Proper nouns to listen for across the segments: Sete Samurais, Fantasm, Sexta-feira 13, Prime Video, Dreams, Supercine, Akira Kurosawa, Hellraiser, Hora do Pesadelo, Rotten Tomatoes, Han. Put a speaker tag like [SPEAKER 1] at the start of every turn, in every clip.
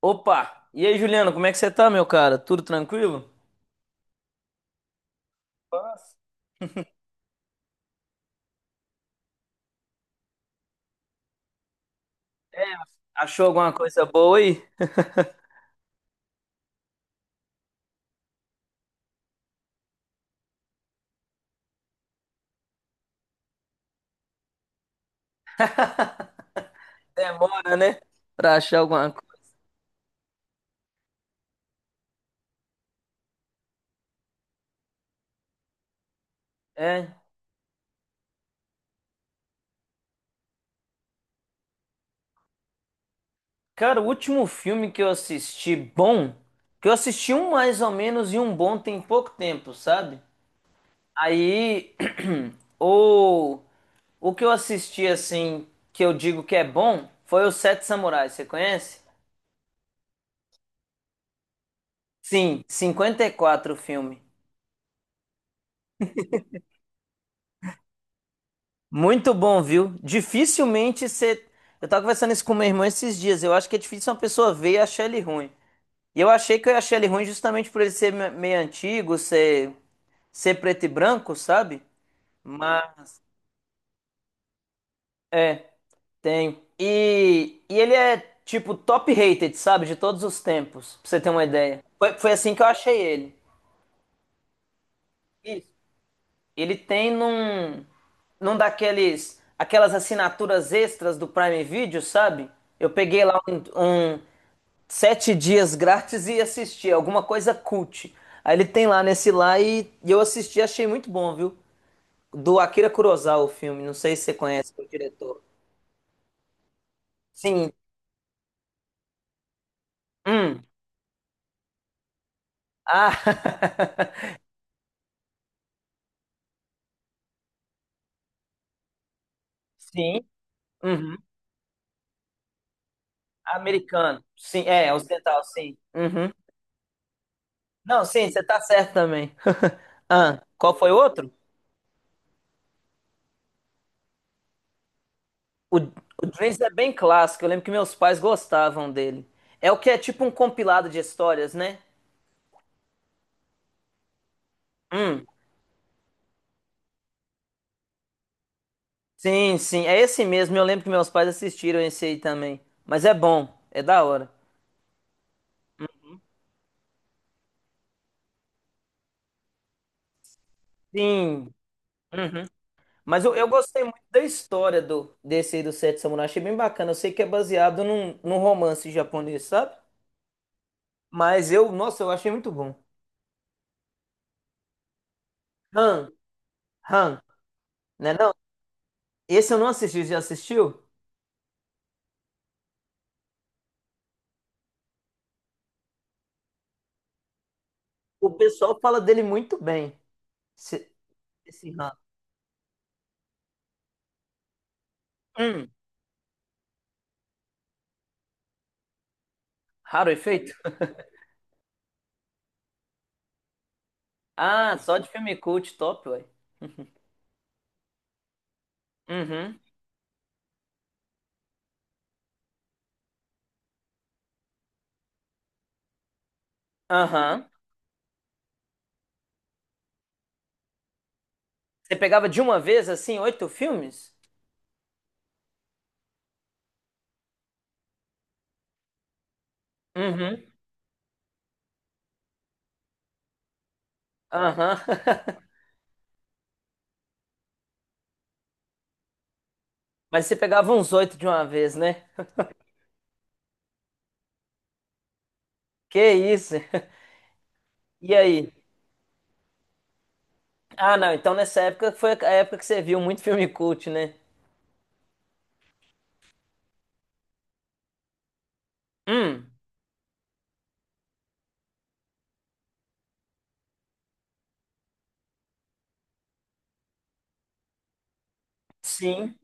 [SPEAKER 1] Opa! E aí, Juliano, como é que você tá, meu cara? Tudo tranquilo? Nossa. É, achou alguma coisa boa aí? Demora, né? Pra achar alguma coisa. É. Cara, o último filme que eu assisti bom, que eu assisti um mais ou menos e um bom tem pouco tempo, sabe? Aí, o, o que eu assisti, assim, que eu digo que é bom, foi o Sete Samurais, você conhece? Sim, 54 o filme. Muito bom, viu? Dificilmente você. Eu tava conversando isso com meu irmão esses dias. Eu acho que é difícil uma pessoa ver e achar ele ruim. E eu achei que eu achei ele ruim justamente por ele ser meio antigo, ser preto e branco, sabe? Mas. É, tem. E ele é, tipo, top rated, sabe? De todos os tempos, pra você ter uma ideia. Foi assim que eu achei ele. Isso. Ele tem num. Num daqueles. Aquelas assinaturas extras do Prime Video, sabe? Eu peguei lá um 7 dias grátis e assistir, alguma coisa cult. Aí ele tem lá nesse lá e eu assisti, achei muito bom, viu? Do Akira Kurosawa o filme, não sei se você conhece o diretor. Sim. Hum. Ah. Sim. Uhum. Americano. Sim, é, ocidental, sim. Uhum. Não, sim, você tá certo também. Ah, qual foi o outro? O Dreams é bem clássico, eu lembro que meus pais gostavam dele. É o que é tipo um compilado de histórias, né? Hum. Sim, sim, é esse mesmo. Eu lembro que meus pais assistiram esse aí também. Mas é bom, é da hora. Sim. Uhum. Mas eu gostei muito da história do desse aí do Sete Samurai. Achei bem bacana. Eu sei que é baseado num romance japonês, sabe? Mas eu, nossa, eu achei muito bom. Han, Han, né não? Esse eu não assisti, já assistiu? O pessoal fala dele muito bem. Esse, esse Han. Hum, raro efeito? Ah, só de filme cult, top, ué. Uhum. Aham. Você pegava de uma vez, assim, oito filmes? Uhum. Aham. Mas você pegava uns oito de uma vez, né? Que isso? E aí? Ah, não. Então nessa época foi a época que você viu muito filme cult, né? Hum, sim.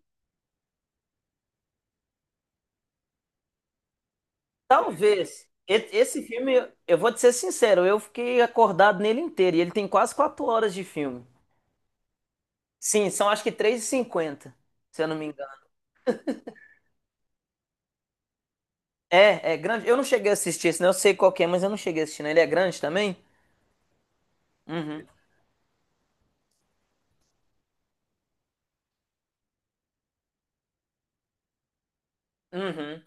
[SPEAKER 1] Talvez. Esse filme, eu vou te ser sincero, eu fiquei acordado nele inteiro. E ele tem quase 4 horas de filme. Sim, são acho que três e cinquenta, se eu não me engano. É, é grande. Eu não cheguei a assistir esse, né? Eu sei qual que é, mas eu não cheguei a assistir, né? Ele é grande também? Uhum. Uhum.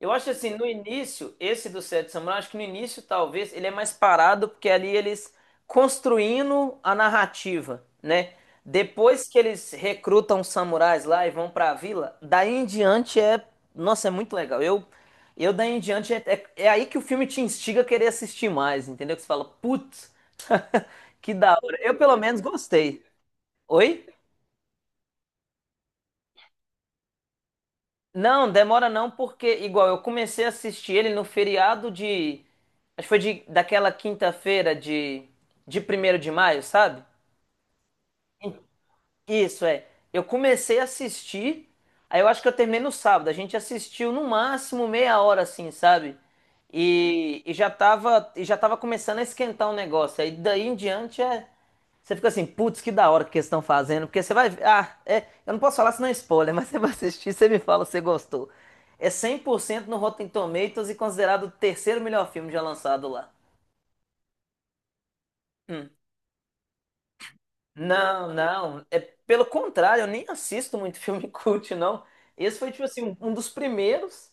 [SPEAKER 1] Eu acho assim, no início, esse do Sete Samurai, acho que no início talvez ele é mais parado, porque ali eles construindo a narrativa, né? Depois que eles recrutam os samurais lá e vão pra vila, daí em diante é, nossa, é muito legal. Eu daí em diante é aí que o filme te instiga a querer assistir mais, entendeu? Que você fala, putz, que da hora. Eu pelo menos gostei. Oi? Não, demora não, porque igual eu comecei a assistir ele no feriado de, acho que foi de, daquela quinta-feira de 1º de maio, sabe? Isso é. Eu comecei a assistir, aí eu acho que eu terminei no sábado. A gente assistiu no máximo meia hora assim, sabe? E já tava começando a esquentar o negócio. Aí daí em diante é você fica assim, putz, que da hora que eles estão fazendo, porque você vai ver. Ah, é, eu não posso falar senão é spoiler, mas você vai assistir, você me fala se você gostou. É 100% no Rotten Tomatoes e considerado o terceiro melhor filme já lançado lá. Hum. Não, não. É, pelo contrário, eu nem assisto muito filme cult, não. Esse foi, tipo assim, um, dos primeiros,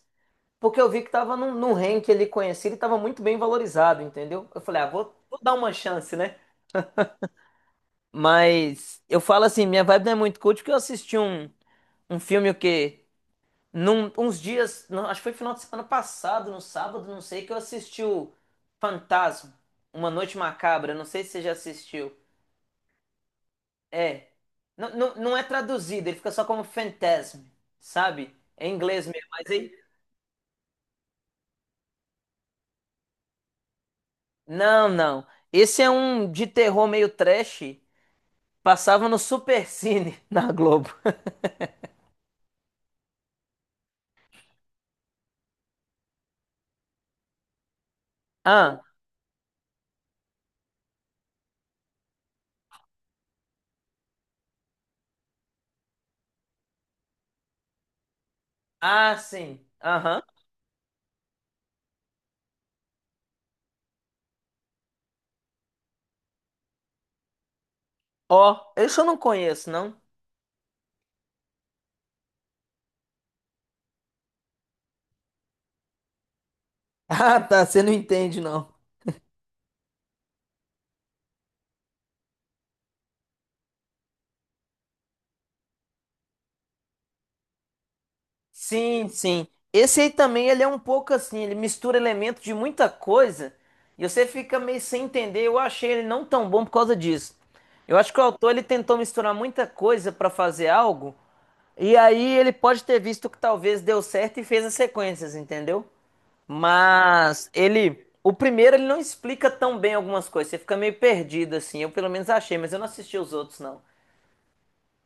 [SPEAKER 1] porque eu vi que tava num ranking ali conhecido e tava muito bem valorizado, entendeu? Eu falei, ah, vou dar uma chance, né? Mas eu falo assim, minha vibe não é muito cult porque eu assisti um filme o quê? Num, uns dias, não, acho que foi final de semana passado, no sábado, não sei, que eu assisti o Fantasma, Uma Noite Macabra, não sei se você já assistiu. É. Não, não, não é traduzido, ele fica só como Fantasm, sabe? É em inglês mesmo, mas aí. Não, não. Esse é um de terror meio trash. Passava no Supercine na Globo. Ah, ah, sim. Aham. Ó, esse eu não conheço, não. Ah, tá, você não entende, não. Sim, sim. Esse aí também, ele é um pouco assim, ele mistura elementos de muita coisa e você fica meio sem entender. Eu achei ele não tão bom por causa disso. Eu acho que o autor ele tentou misturar muita coisa pra fazer algo e aí ele pode ter visto que talvez deu certo e fez as sequências, entendeu? Mas ele, o primeiro ele não explica tão bem algumas coisas, você fica meio perdido assim. Eu pelo menos achei, mas eu não assisti os outros não.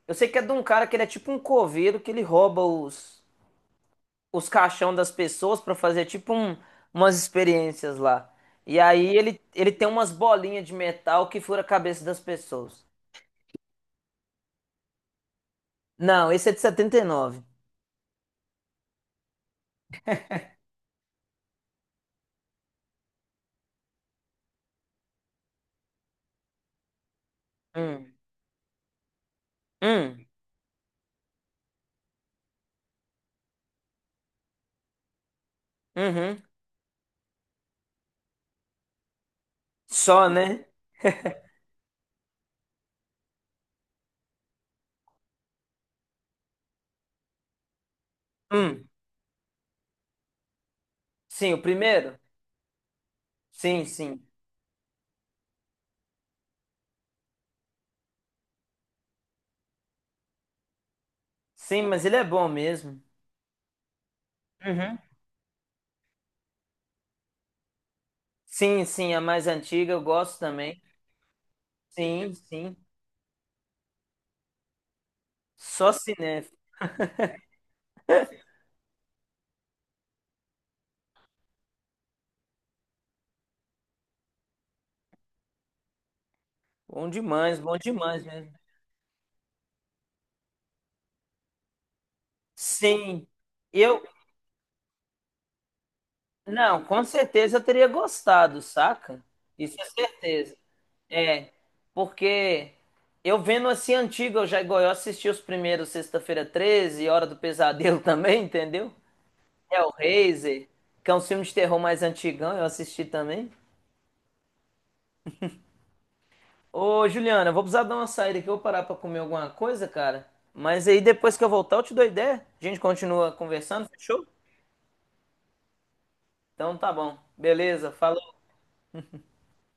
[SPEAKER 1] Eu sei que é de um cara que ele é tipo um coveiro que ele rouba os caixão das pessoas pra fazer tipo umas experiências lá. E aí ele tem umas bolinhas de metal que fura a cabeça das pessoas. Não, esse é de 79. Hum. Hum. Uhum. Só, né? Hum. Sim, o primeiro? Sim, sim. Sim, mas ele é bom mesmo. Uhum. Sim, sim, a mais antiga eu gosto também. Sim, sim. Só cinéfilo. Bom demais mesmo. Sim. Eu Não, com certeza eu teria gostado, saca? Isso é certeza. É, porque eu vendo assim antigo, eu já igual eu assisti os primeiros Sexta-feira 13, Hora do Pesadelo também, entendeu? Hellraiser, que é um filme de terror mais antigão, eu assisti também. Ô, Juliana, eu vou precisar dar uma saída aqui, eu vou parar pra comer alguma coisa, cara. Mas aí depois que eu voltar, eu te dou ideia. A gente continua conversando, fechou? Então tá bom. Beleza, falou.